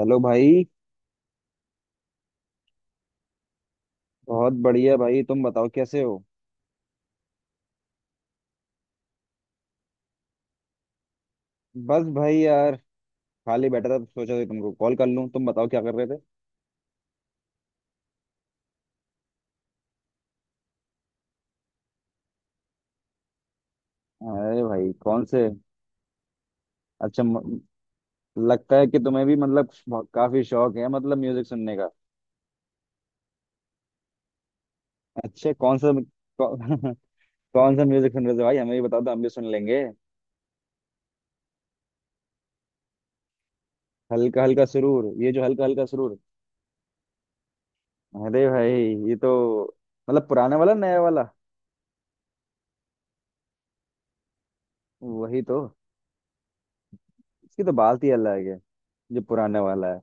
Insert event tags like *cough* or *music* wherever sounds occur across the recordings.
Hello भाई। बहुत बढ़िया भाई, तुम बताओ कैसे हो? बस भाई यार, खाली बैठा था तो सोचा कि तुमको कॉल कर लूं। तुम बताओ क्या कर रहे थे? अरे भाई, कौन से? अच्छा लगता है कि तुम्हें भी मतलब काफी शौक है मतलब म्यूजिक सुनने का। अच्छा, कौन सा? कौ, *laughs* कौन सा म्यूजिक सुन रहे थे भाई? हमें भी बता दो, हम भी सुन लेंगे। हल्का हल्का सुरूर, ये जो हल्का हल्का सुरूर। अरे भाई, ये तो मतलब पुराने वाला, नया वाला? वही तो। इसकी तो बात ही अलग है, जो पुराने वाला है।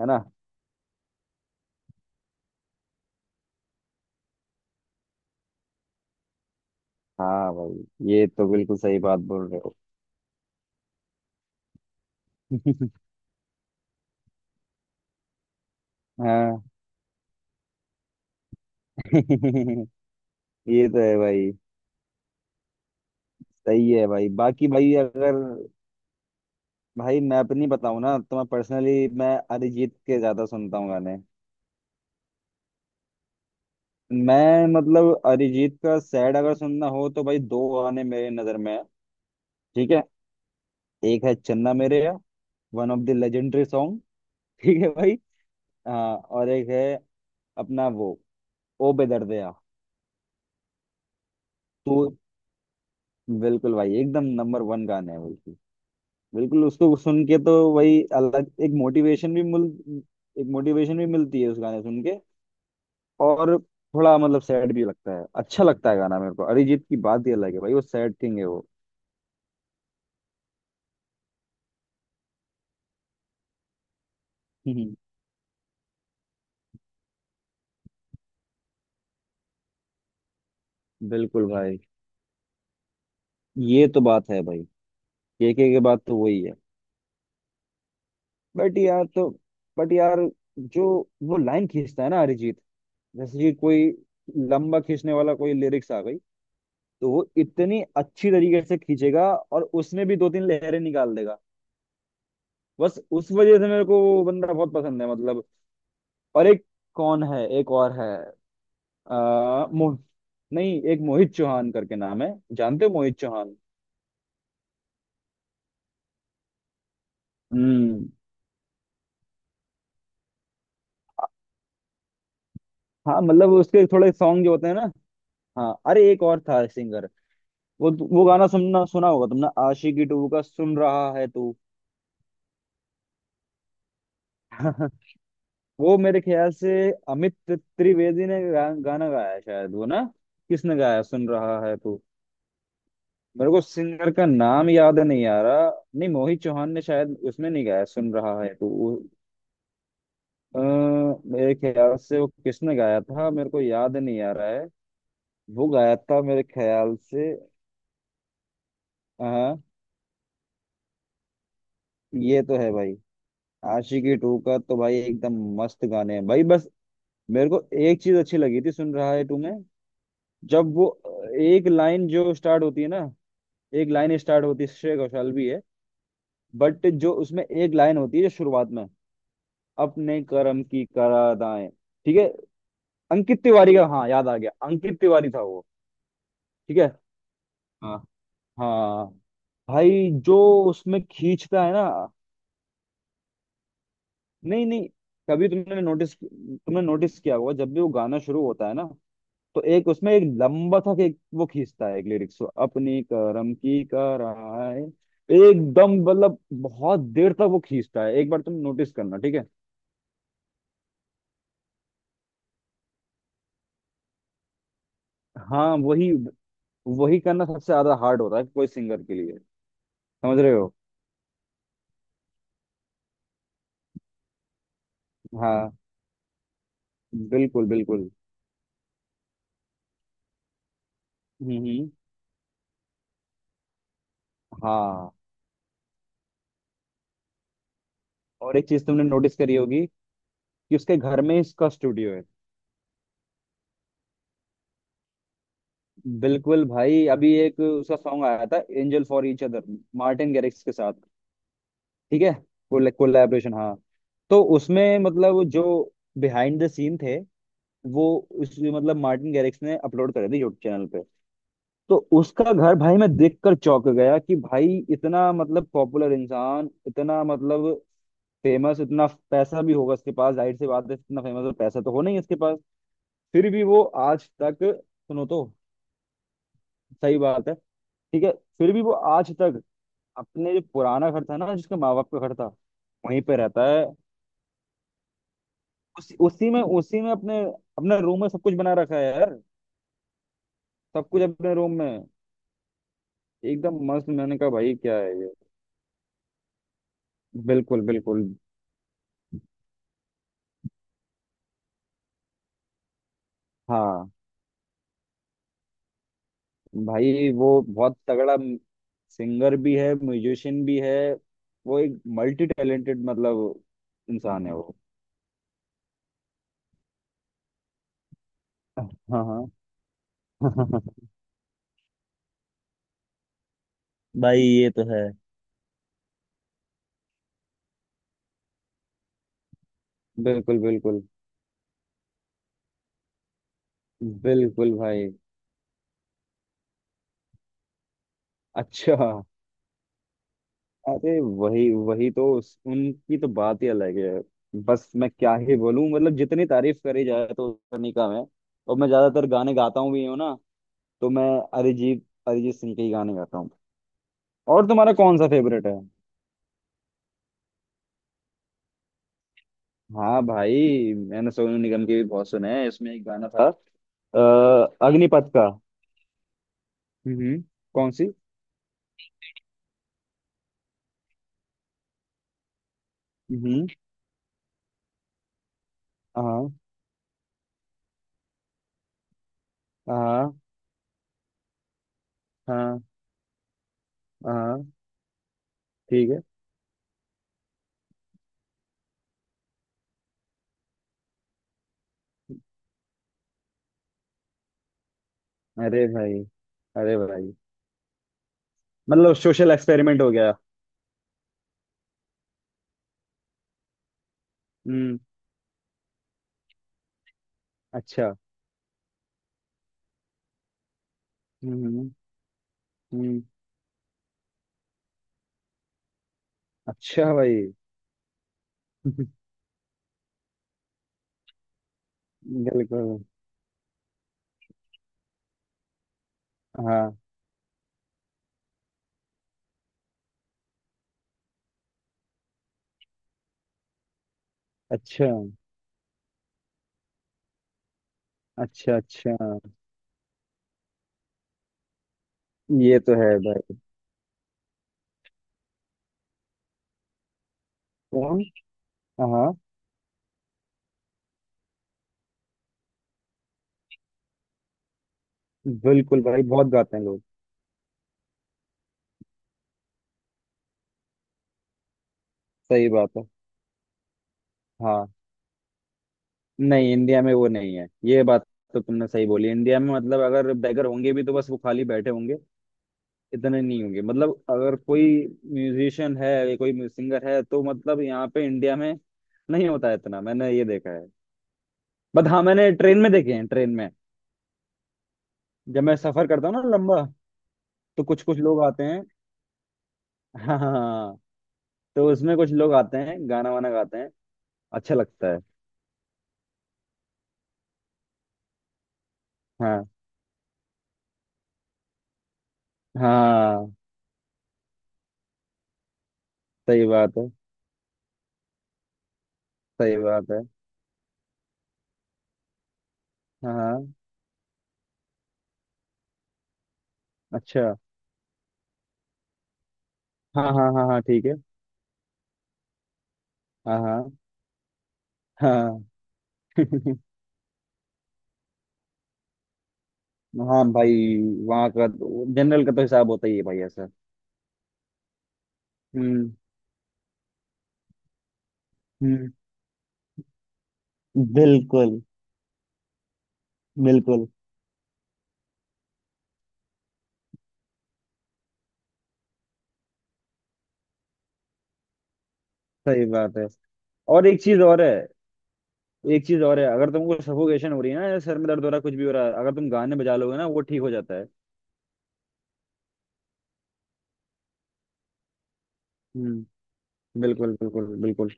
है ना। हाँ भाई, ये तो बिल्कुल सही बात बोल रहे हो। *laughs* हाँ। *laughs* ये तो है भाई। सही है भाई। बाकी भाई अगर। भाई मैं अपनी बताऊं ना, तो मैं पर्सनली मैं अरिजीत के ज्यादा सुनता हूँ गाने। मैं मतलब अरिजीत का सैड अगर सुनना हो तो भाई, दो गाने मेरे नजर में है। ठीक है। एक है चन्ना मेरे या, one of the legendary song. *laughs* ठीक है भाई। हाँ, और एक है अपना वो, ओ बेदर्दया। तो बिल्कुल भाई, एकदम नंबर वन गाने हैं भाई। बिल्कुल उसको सुन के तो वही अलग। एक मोटिवेशन भी मिल एक मोटिवेशन भी मिलती है उस गाने सुन के। और थोड़ा मतलब सैड भी लगता है, अच्छा लगता है गाना मेरे को। अरिजीत की बात ही अलग है भाई, वो सैड किंग है वो। हम्म। बिल्कुल भाई। ये तो बात है भाई, के बात तो वही है। बट यार तो बट यार, जो वो लाइन खींचता है ना अरिजीत, जैसे कि कोई लंबा खींचने वाला कोई लिरिक्स आ गई, तो वो इतनी अच्छी तरीके से खींचेगा और उसमें भी दो तीन लहरें निकाल देगा। बस उस वजह से मेरे को वो बंदा बहुत पसंद है मतलब। और एक, कौन है, एक और है। मोह नहीं, एक मोहित चौहान करके नाम है। जानते हो मोहित चौहान? हम्म। हाँ मतलब, उसके थोड़े सॉन्ग जो होते हैं ना। हाँ, अरे एक और था सिंगर। वो गाना सुनना सुना होगा तुमने, आशिकी टू का, सुन रहा है तू। *laughs* वो मेरे ख्याल से अमित त्रिवेदी ने गाना गाया है शायद, वो ना। किसने गाया है, सुन रहा है तू? मेरे को सिंगर का नाम याद नहीं आ रहा। नहीं, मोहित चौहान ने शायद उसमें नहीं गाया, सुन रहा है तो वो, अ, मेरे ख्याल से वो किसने गाया था मेरे को याद नहीं आ रहा है। वो गाया था मेरे ख्याल से। हाँ, ये तो है भाई। आशिकी टू का तो भाई एकदम मस्त गाने हैं भाई, बस। मेरे को एक चीज अच्छी लगी थी, सुन रहा है टू में। जब वो एक लाइन जो स्टार्ट होती है ना, एक लाइन स्टार्ट होती है, श्रेय घोषाल भी है। बट जो उसमें एक लाइन होती है जो शुरुआत में, अपने कर्म की करा अदाएं। ठीक है। अंकित तिवारी का, हाँ याद आ गया, अंकित तिवारी था वो। ठीक है। हाँ। हाँ भाई, जो उसमें खींचता है ना। नहीं नहीं। कभी तुमने नोटिस किया होगा जब भी वो गाना शुरू होता है ना, तो एक उसमें एक लंबा था कि वो खींचता है एक लिरिक्स को, अपनी करम की कराए। एकदम मतलब बहुत देर तक वो खींचता है। एक बार तुम नोटिस करना, ठीक है। हाँ, वही वही करना सबसे ज्यादा हार्ड होता है कोई सिंगर के लिए। समझ रहे हो? हाँ, बिल्कुल बिल्कुल। हम्म। हाँ, और एक चीज तुमने नोटिस करी होगी कि उसके घर में इसका स्टूडियो है। बिल्कुल भाई, अभी एक उसका सॉन्ग आया था, angel for each other, Martin Garrix के साथ। ठीक है। कोलैबोरेशन, हाँ। तो उसमें मतलब जो बिहाइंड द सीन थे वो, उस मतलब, मार्टिन गैरिक्स ने अपलोड करे थे यूट्यूब चैनल पे। तो उसका घर भाई मैं देखकर चौंक गया कि भाई इतना मतलब पॉपुलर इंसान, इतना मतलब फेमस, इतना पैसा भी होगा इसके पास, जाहिर सी बात है, इतना फेमस और पैसा तो हो नहीं इसके पास। फिर भी वो आज तक। सुनो तो। सही बात है, ठीक है। फिर भी वो आज तक अपने जो पुराना घर था ना, जिसके माँ बाप का घर था, वहीं पे रहता है। उसी उसी में अपने अपने रूम में सब कुछ बना रखा है यार। सब कुछ अपने रूम में। एकदम मस्त, मैंने कहा भाई क्या है ये। बिल्कुल बिल्कुल। हाँ भाई, वो बहुत तगड़ा सिंगर भी है, म्यूजिशियन भी है, वो एक मल्टी टैलेंटेड मतलब इंसान है वो। हाँ हाँ। *laughs* भाई ये तो है। बिल्कुल बिल्कुल बिल्कुल भाई। अच्छा। अरे वही वही तो उनकी तो बात ही अलग है। बस मैं क्या ही बोलूं, मतलब जितनी तारीफ करी जाए तो उतनी कम है। और मैं ज्यादातर गाने गाता हूँ भी हूँ ना, तो मैं अरिजीत अरिजीत सिंह के ही गाने गाता हूँ। और तुम्हारा कौन सा फेवरेट है? हाँ भाई, मैंने सोनू निगम के भी बहुत सुने हैं, इसमें एक गाना था। अ, अग्निपथ का। हम्म। कौन सी? हम्म। हाँ हाँ हाँ हाँ, ठीक है। अरे भाई। अरे भाई, मतलब सोशल एक्सपेरिमेंट हो गया। हम्म। अच्छा। हम्म हम्म। अच्छा भाई। *laughs* बिल्कुल। हाँ, अच्छा अच्छा। अच्छा, ये तो है भाई। कौन? हाँ, बिल्कुल भाई, बहुत गाते हैं लोग। सही बात है। हाँ। नहीं, इंडिया में वो नहीं है ये बात। तो तुमने सही बोली, इंडिया में मतलब अगर बैगर होंगे भी तो बस वो खाली बैठे होंगे, इतने नहीं होंगे, मतलब अगर कोई म्यूजिशियन है या कोई सिंगर है तो मतलब यहाँ पे इंडिया में नहीं होता है इतना, मैंने ये देखा है। बट हाँ, मैंने ट्रेन में देखे हैं, ट्रेन में, जब मैं सफर करता हूँ ना लंबा, तो कुछ कुछ लोग आते हैं। *laughs* हाँ हाँ हाँ। तो उसमें कुछ लोग आते हैं गाना वाना गाते हैं। अच्छा लगता है। हाँ हाँ। सही बात है। सही बात है। हाँ हाँ। अच्छा। हाँ हाँ हाँ हाँ, ठीक है। हाँ हाँ। हाँ। *laughs* हाँ भाई, वहाँ का, जनरल का तो हिसाब होता ही है भाई ऐसा। हम्म हम्म। बिल्कुल बिल्कुल। सही बात है। और एक चीज और है, एक चीज और है, अगर तुमको सफोकेशन हो रही है ना, या सर में दर्द हो रहा है, कुछ भी हो रहा है अगर तुम गाने बजा लोगे ना, वो ठीक हो जाता है। हम्म। बिल्कुल बिल्कुल बिल्कुल।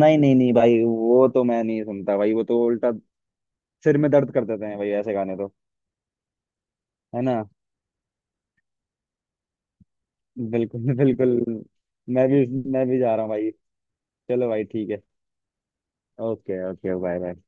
नहीं नहीं नहीं भाई, वो तो मैं नहीं सुनता भाई, वो तो उल्टा सिर में दर्द कर देते हैं भाई, ऐसे गाने तो। है ना। बिल्कुल *laughs* बिल्कुल। मैं भी। मैं भी जा रहा हूँ भाई। चलो भाई, ठीक है। Okay okay, bye bye.